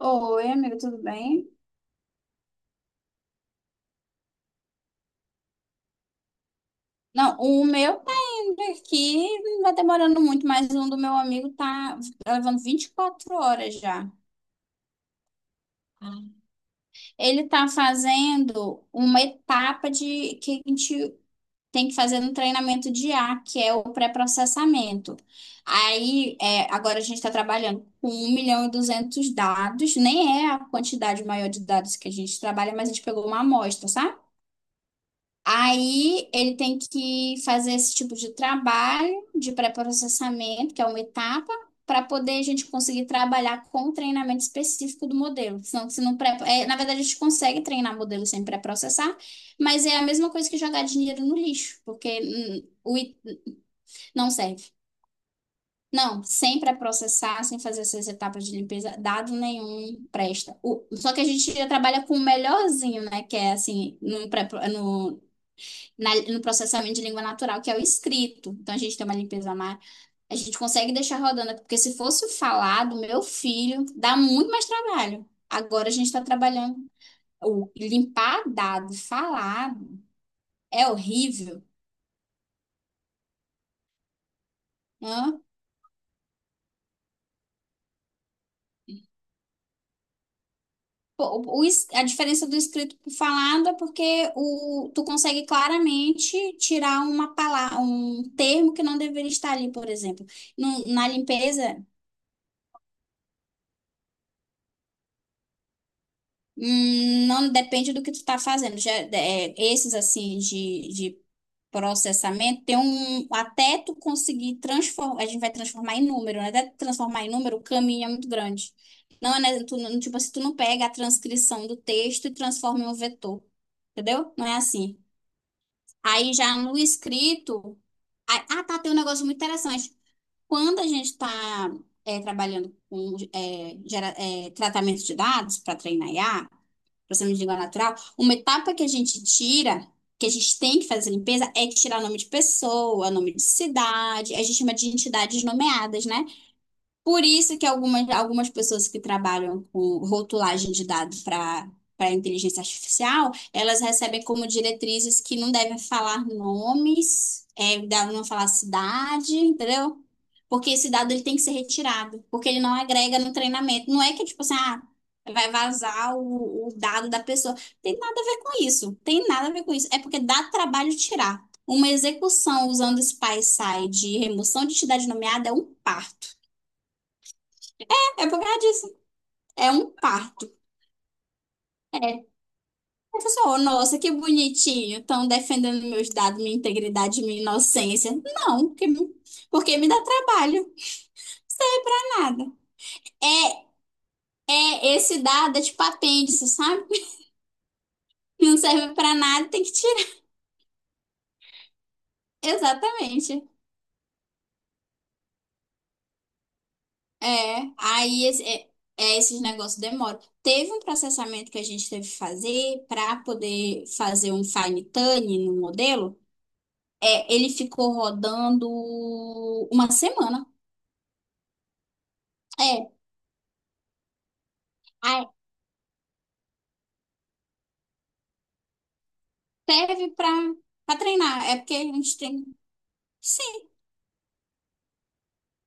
Oi, amigo, tudo bem? Não, o meu tá indo aqui, não tá demorando muito, mas um do meu amigo tá levando 24 horas já. Ele tá fazendo uma etapa de que a gente tem que fazer no treinamento de IA, que é o pré-processamento. Agora a gente está trabalhando com 1.200.000 dados, nem é a quantidade maior de dados que a gente trabalha, mas a gente pegou uma amostra, sabe? Aí ele tem que fazer esse tipo de trabalho de pré-processamento, que é uma etapa, para poder a gente conseguir trabalhar com o treinamento específico do modelo. Senão, se não pré... é, na verdade, a gente consegue treinar modelo sem pré-processar, mas é a mesma coisa que jogar dinheiro no lixo, porque não serve. Não, sem pré-processar, sem fazer essas etapas de limpeza, dado nenhum presta. Só que a gente já trabalha com o melhorzinho, né? Que é assim, no processamento de língua natural, que é o escrito. Então a gente tem uma limpeza mais. A gente consegue deixar rodando, porque se fosse o falado, meu filho, dá muito mais trabalho. Agora a gente está trabalhando. O limpar dado, falado, é horrível. Né? Pô, a diferença do escrito para falado é porque tu consegue claramente tirar uma palavra, um termo que não deveria estar ali, por exemplo. Na limpeza. Não depende do que tu está fazendo. Esses assim de processamento tem um até tu conseguir transformar, a gente vai transformar em número, né? Até tu transformar em número, o caminho é muito grande. Não é, né, tu, não- Tipo assim, tu não pega a transcrição do texto e transforma em um vetor, entendeu? Não é assim. Aí já no escrito, tá, tem um negócio muito interessante. Quando a gente está trabalhando com tratamento de dados para treinar IA, processamento de língua natural, uma etapa que a gente tira, que a gente tem que fazer a limpeza, é tirar nome de pessoa, nome de cidade, a gente chama de entidades nomeadas, né? Por isso que algumas pessoas que trabalham com rotulagem de dados para inteligência artificial, elas recebem como diretrizes que não devem falar nomes, é, devem não falar cidade, entendeu? Porque esse dado ele tem que ser retirado, porque ele não agrega no treinamento. Não é que, tipo assim, ah, vai vazar o dado da pessoa. Tem nada a ver com isso. Tem nada a ver com isso. É porque dá trabalho tirar. Uma execução usando SPI-SAI de remoção de entidade nomeada é um parto. É por causa disso. É um parto. A nossa, que bonitinho. Estão defendendo meus dados, minha integridade, minha inocência. Não, porque me dá trabalho. Não custa nada. É, esse dado é tipo apêndice, sabe? Não serve pra nada, tem que tirar. Exatamente. É. Esses negócios demoram. Teve um processamento que a gente teve que fazer para poder fazer um fine-tuning no modelo. É, ele ficou rodando 1 semana. É, aí serve pra treinar. É porque a gente tem. Sim,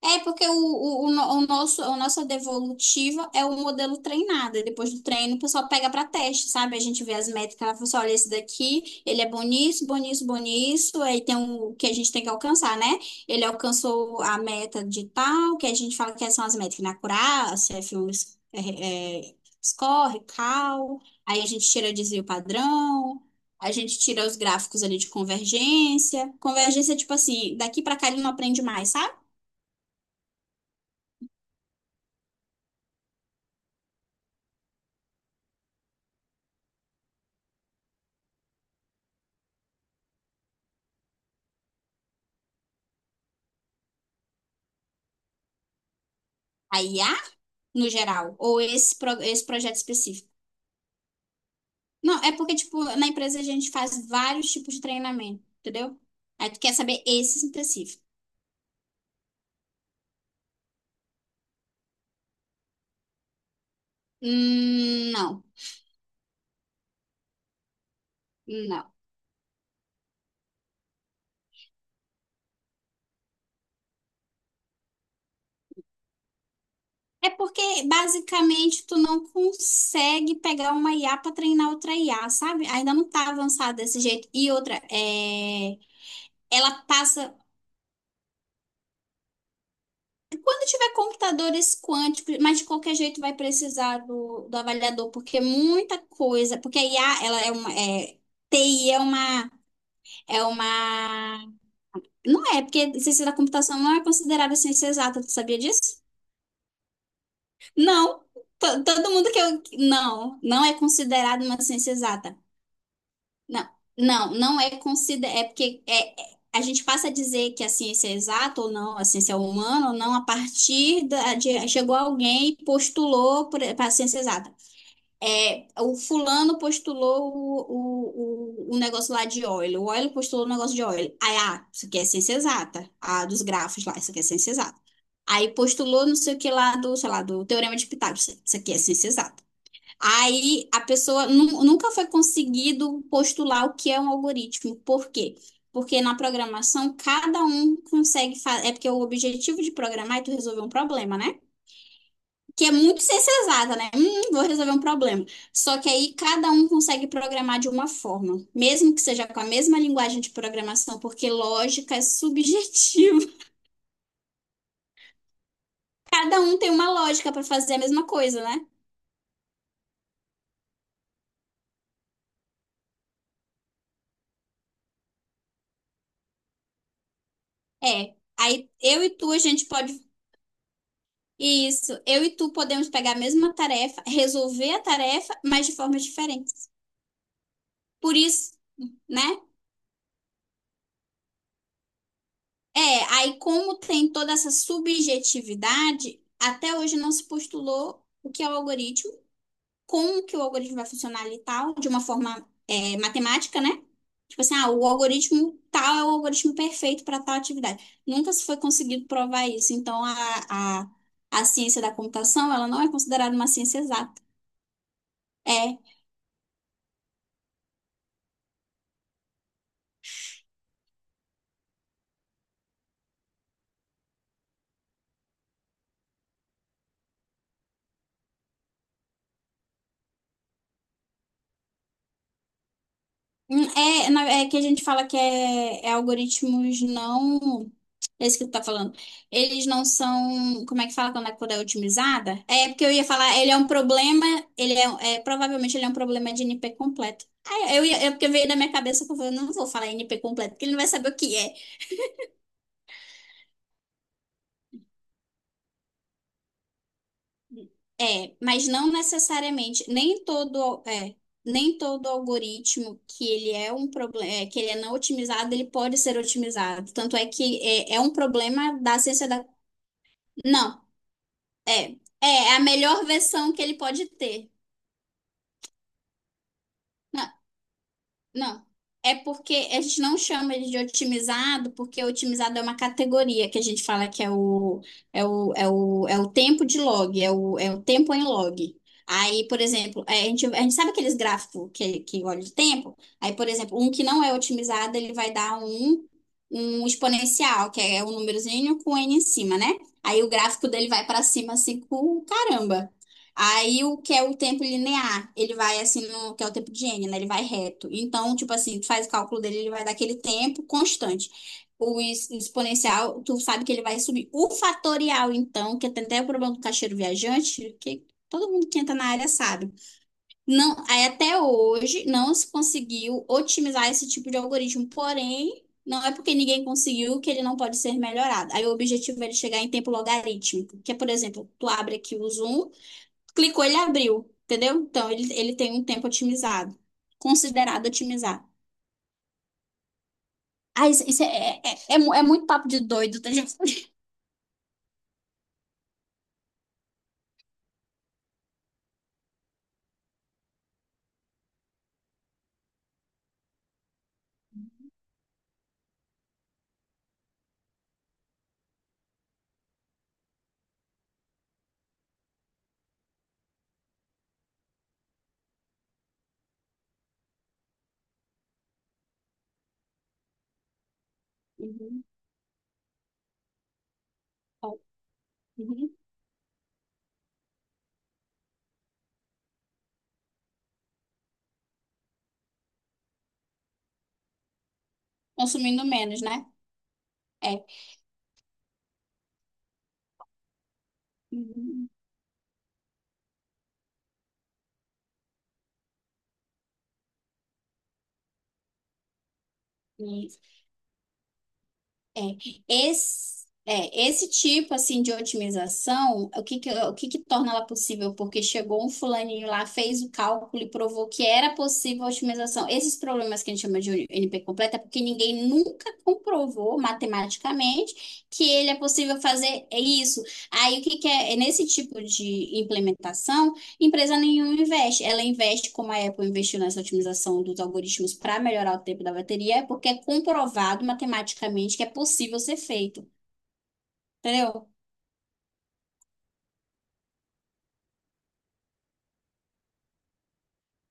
é porque o, no- o nosso, a nossa devolutiva é o modelo treinado. E depois do treino, o pessoal pega para teste, sabe? A gente vê as métricas, ela fala assim, olha, esse daqui, ele é bom nisso, bom nisso, bom nisso. Aí tem o que a gente tem que alcançar, né? Ele alcançou a meta de tal, que a gente fala que são as métricas, né? Acurácia, F1, é, é, score, cal. Aí a gente tira desvio padrão. A gente tira os gráficos ali de convergência. Convergência, é tipo assim, daqui para cá ele não aprende mais, sabe? Aí, ah, no geral, ou esse projeto específico. Não, é porque, tipo, na empresa a gente faz vários tipos de treinamento, entendeu? Aí tu quer saber esse específico. Hum, não, não. É porque, basicamente, tu não consegue pegar uma IA para treinar outra IA, sabe? Ainda não tá avançada desse jeito. E outra, é... ela passa. Quando tiver computadores quânticos, mas de qualquer jeito vai precisar do avaliador, porque é muita coisa, porque a IA, ela é uma, é, TI é uma, não é, porque ciência da computação não é considerada ciência exata, tu sabia disso? Não, To- todo mundo que eu, não, não é considerado uma ciência exata. Não, não é considerado. É porque a gente passa a dizer que a ciência é exata ou não, a ciência é humana ou não, a partir chegou alguém e postulou para a ciência exata. É, o fulano postulou o negócio lá de Euler, o Euler postulou o negócio de Euler. Aí, ah, isso aqui é ciência exata. Ah, dos grafos lá, isso aqui é ciência exata. Aí postulou não sei o que lá do, sei lá, do Teorema de Pitágoras, isso aqui é ciência exata. Aí a pessoa nu- Nunca foi conseguido postular o que é um algoritmo. Por quê? Porque na programação cada um consegue fazer. É porque o objetivo de programar é tu resolver um problema, né? Que é muito ciência exata, né? Vou resolver um problema. Só que aí cada um consegue programar de uma forma, mesmo que seja com a mesma linguagem de programação, porque lógica é subjetiva. Cada um tem uma lógica para fazer a mesma coisa, né? É. Aí eu e tu, a gente pode isso, eu e tu podemos pegar a mesma tarefa, resolver a tarefa, mas de formas diferentes. Por isso, né? É, aí como tem toda essa subjetividade, até hoje não se postulou o que é o algoritmo, como que o algoritmo vai funcionar ali e tal, de uma forma matemática, né? Tipo assim, ah, o algoritmo tal é o algoritmo perfeito para tal atividade. Nunca se foi conseguido provar isso. Então, a ciência da computação, ela não é considerada uma ciência exata. É, hum, é que a gente fala que é, é algoritmos não. É isso que tu tá falando. Eles não são. Como é que fala quando a coisa é otimizada? É porque eu ia falar, ele é um problema. Ele é, é, provavelmente ele é um problema de NP completo. Ah, eu ia, é porque veio na minha cabeça que eu falei, eu não vou falar NP completo, porque ele não vai saber o que é. É, mas não necessariamente. Nem todo. É, nem todo algoritmo que ele é um problema, que ele é não otimizado, ele pode ser otimizado. Tanto é que é, é um problema da ciência da não, é. É é a melhor versão que ele pode ter. Não, não. É porque a gente não chama ele de otimizado, porque otimizado é uma categoria que a gente fala que é o tempo de log, é o, é o tempo em log. Aí, por exemplo, é, a gente sabe aqueles gráficos que olha de tempo? Aí, por exemplo, um que não é otimizado, ele vai dar um, um exponencial, que é um númerozinho com n em cima, né? Aí o gráfico dele vai para cima assim com caramba. Aí o que é o tempo linear, ele vai assim no que é o tempo de n, né? Ele vai reto. Então, tipo assim, tu faz o cálculo dele, ele vai dar aquele tempo constante. Exponencial, tu sabe que ele vai subir. O fatorial, então, que tem até o problema do caixeiro viajante, que todo mundo que entra na área sabe. Não, aí até hoje não se conseguiu otimizar esse tipo de algoritmo, porém, não é porque ninguém conseguiu que ele não pode ser melhorado. Aí o objetivo é ele chegar em tempo logarítmico, que é, por exemplo, tu abre aqui o Zoom, clicou, ele abriu, entendeu? Então, ele tem um tempo otimizado, considerado otimizado. Ah, é, é muito papo de doido, tá, gente? Uhum. Ó, uhum. Consumindo menos, né? É. Uhum. É, esse, é, esse tipo assim de otimização, o que que torna ela possível? Porque chegou um fulaninho lá, fez o cálculo e provou que era possível a otimização. Esses problemas que a gente chama de NP completa, é porque ninguém nunca comprovou matematicamente que ele é possível fazer isso. Aí o que que é, é nesse tipo de implementação empresa nenhuma investe. Ela investe, como a Apple investiu nessa otimização dos algoritmos para melhorar o tempo da bateria, é porque é comprovado matematicamente que é possível ser feito. Entendeu?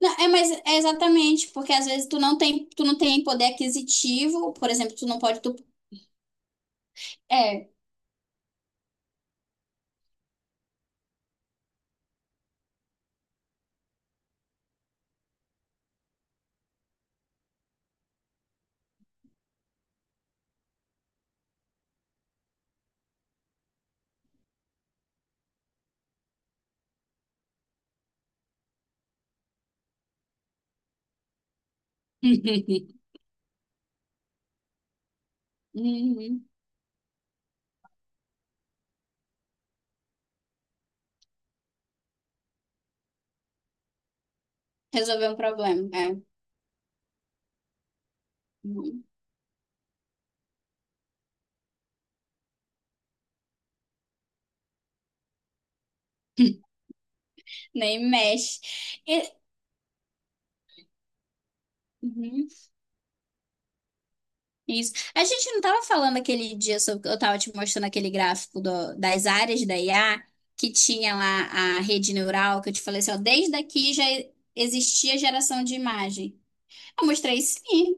Não, é, mas é exatamente, porque às vezes tu não tem poder aquisitivo, por exemplo, tu não pode. Tu, é. Uhum. Resolver um problema. É. Uhum. Nem mexe. E- uhum. Isso. A gente não estava falando aquele dia sobre, eu estava te mostrando aquele gráfico das áreas da IA que tinha lá a rede neural, que eu te falei assim, ó, desde aqui já existia geração de imagem. Eu mostrei sim.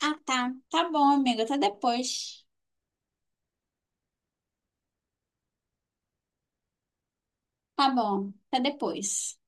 Ah, tá. Tá bom, amiga, tá depois. Tá bom, tá depois.